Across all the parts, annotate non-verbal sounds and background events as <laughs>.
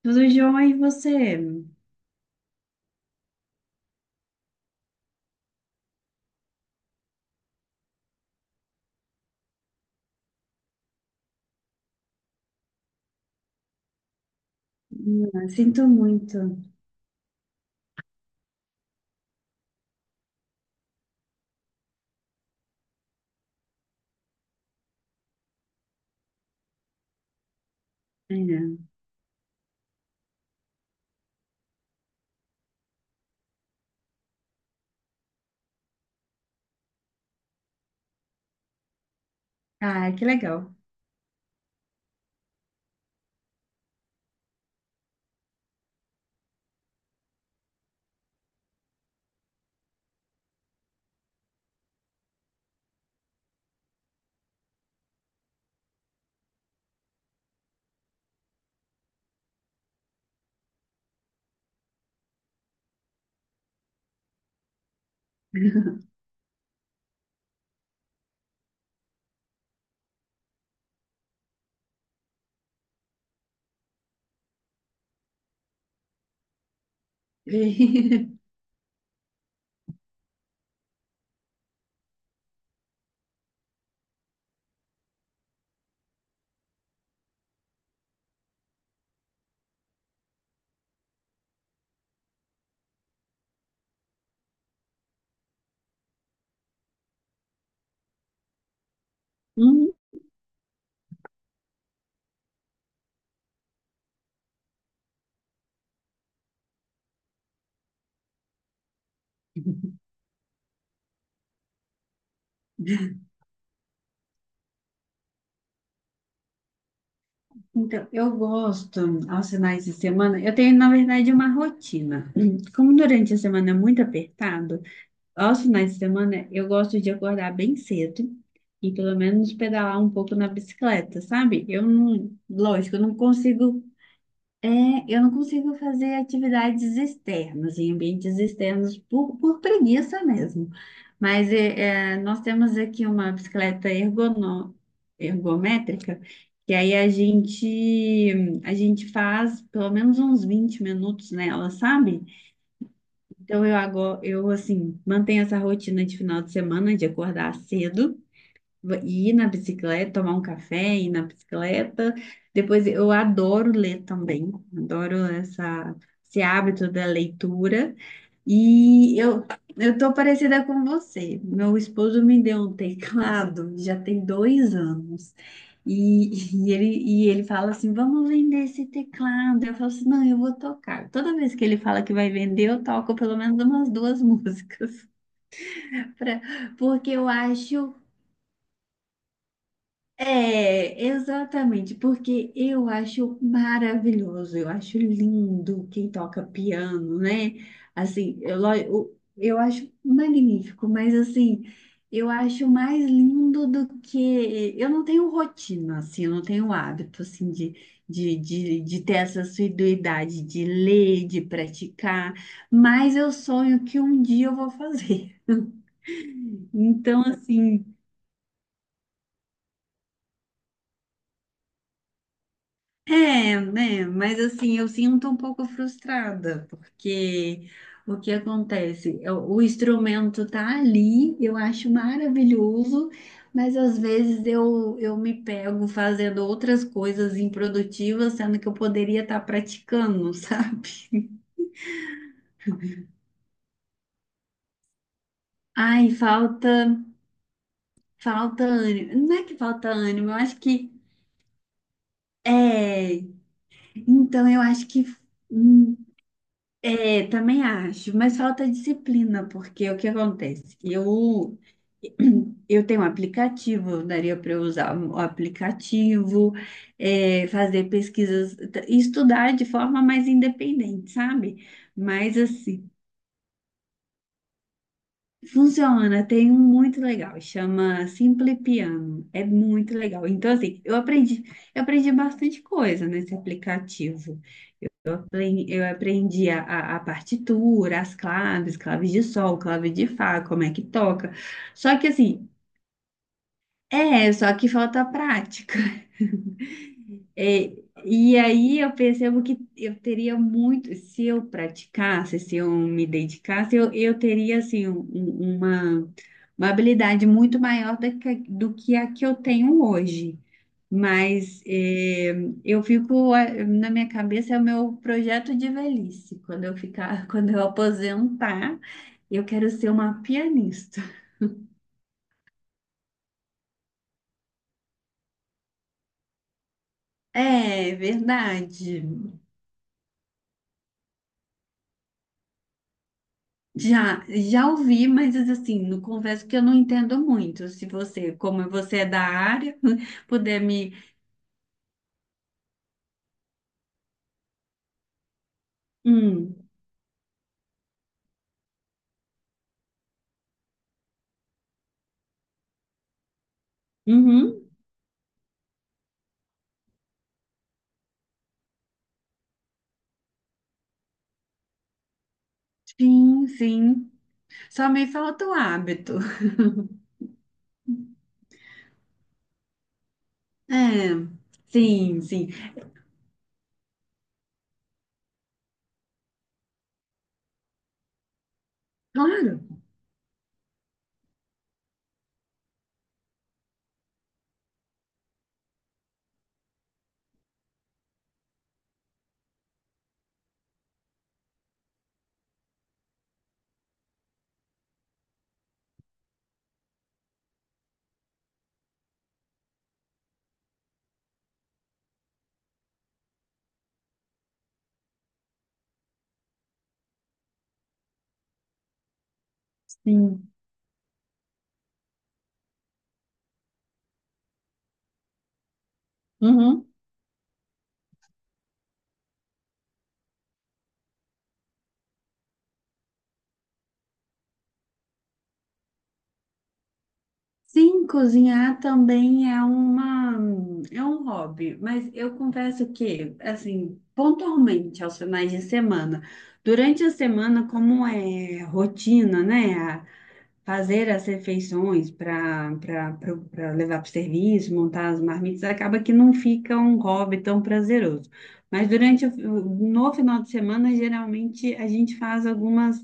Tudo jóia e você? Ah, sinto muito. É. Ah, que legal. <laughs> Hum, Então, eu gosto aos finais de semana. Eu tenho, na verdade, uma rotina. Como durante a semana é muito apertado, aos finais de semana eu gosto de acordar bem cedo e pelo menos pedalar um pouco na bicicleta, sabe? Eu não, lógico, eu não consigo. É, eu não consigo fazer atividades externas, em ambientes externos, por preguiça mesmo. Mas nós temos aqui uma bicicleta ergométrica, que aí a gente faz pelo menos uns 20 minutos nela, sabe? Então eu agora, eu assim, mantenho essa rotina de final de semana, de acordar cedo, ir na bicicleta, tomar um café, ir na bicicleta. Depois eu adoro ler também, adoro essa, esse hábito da leitura. E eu tô parecida com você. Meu esposo me deu um teclado, <laughs> já tem 2 anos. E ele fala assim: vamos vender esse teclado. Eu falo assim: não, eu vou tocar. Toda vez que ele fala que vai vender, eu toco pelo menos umas duas <laughs> músicas. pra- porque eu acho. É, exatamente, porque eu acho maravilhoso, eu acho lindo quem toca piano, né? Assim, eu, eu acho magnífico, mas assim, eu acho mais lindo do que. Eu não tenho rotina, assim, eu não tenho hábito, assim, de, de ter essa assiduidade de ler, de praticar, mas eu sonho que um dia eu vou fazer. <laughs> Então, assim. É, né? Mas assim, eu sinto um pouco frustrada, porque o que acontece? O instrumento tá ali, eu acho maravilhoso, mas às vezes eu me pego fazendo outras coisas improdutivas, sendo que eu poderia estar praticando, <laughs> sabe? Ai, falta, falta ânimo. Não é que falta ânimo, eu acho que é. Então eu acho que hum, é, também acho, mas falta disciplina, porque o que acontece? Eu, <clears throat> eu tenho um aplicativo, daria para eu usar o aplicativo, é, fazer pesquisas, estudar de forma mais independente, sabe? Mas assim, funciona, tem um muito legal, chama Simple Piano, é muito legal. Então, assim, eu aprendi bastante coisa nesse aplicativo. Eu aprendi a, a partitura, as claves, claves de sol, clave de fá, como é que toca. Só que assim, é, só que falta prática. É, e aí eu percebo que eu teria muito, se eu praticasse, se eu me dedicasse, eu teria assim uma habilidade muito maior do que a que eu tenho hoje. Mas é, eu fico é, na minha cabeça é o meu projeto de velhice. Quando eu ficar, <laughs> quando eu aposentar, eu quero ser uma pianista. É verdade. Já, já ouvi, mas assim, não, confesso que eu não entendo muito. Se você, como você é da área, <laughs> puder me. Hum, uhum, sim, sim. Só me falta o hábito. É, sim, sim. Claro, sim. Uhum. Sim, cozinhar também é uma, é um hobby, mas eu confesso que, assim, pontualmente aos finais de semana, durante a semana, como é rotina, né? Fazer as refeições para para levar para o serviço, montar as marmitas, acaba que não fica um hobby tão prazeroso. Mas durante o, no final de semana, geralmente a gente faz algumas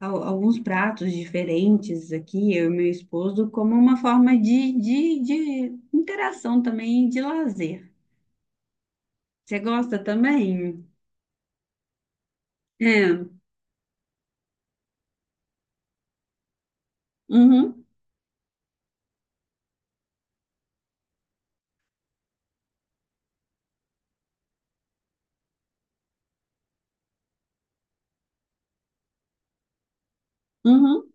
alguns pratos diferentes aqui, eu e meu esposo, como uma forma de, de interação também, e de lazer. Você gosta também? É. Uhum, uhum.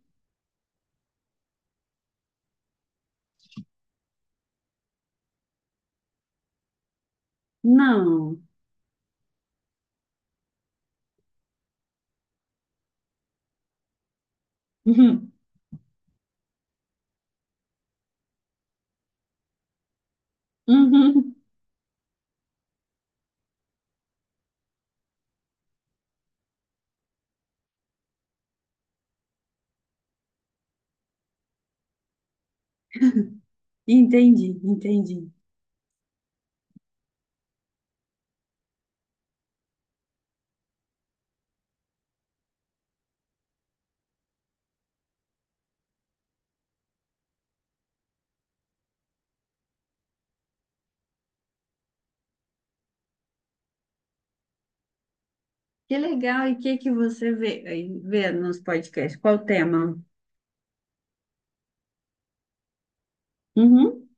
Não. <laughs> Uhum, uhum. Entendi, entendi. Que legal, e o que que você vê, aí vê nos podcasts? Qual o tema? Uhum,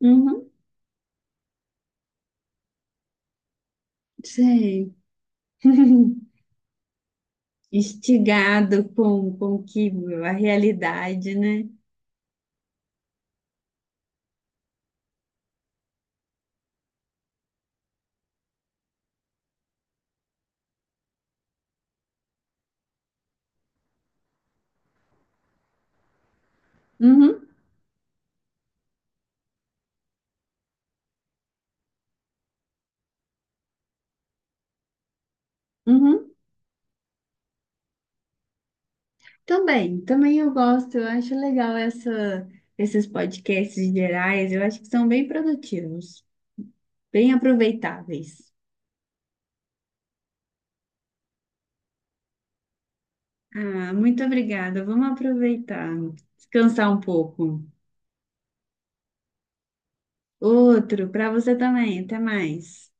uhum. Sei. <laughs> Instigado com que a realidade, né? Uhum, uhum. Também, também eu gosto, eu acho legal essa, esses podcasts gerais, eu acho que são bem produtivos, bem aproveitáveis. Ah, muito obrigada, vamos aproveitar, descansar um pouco. Outro para você também, até mais.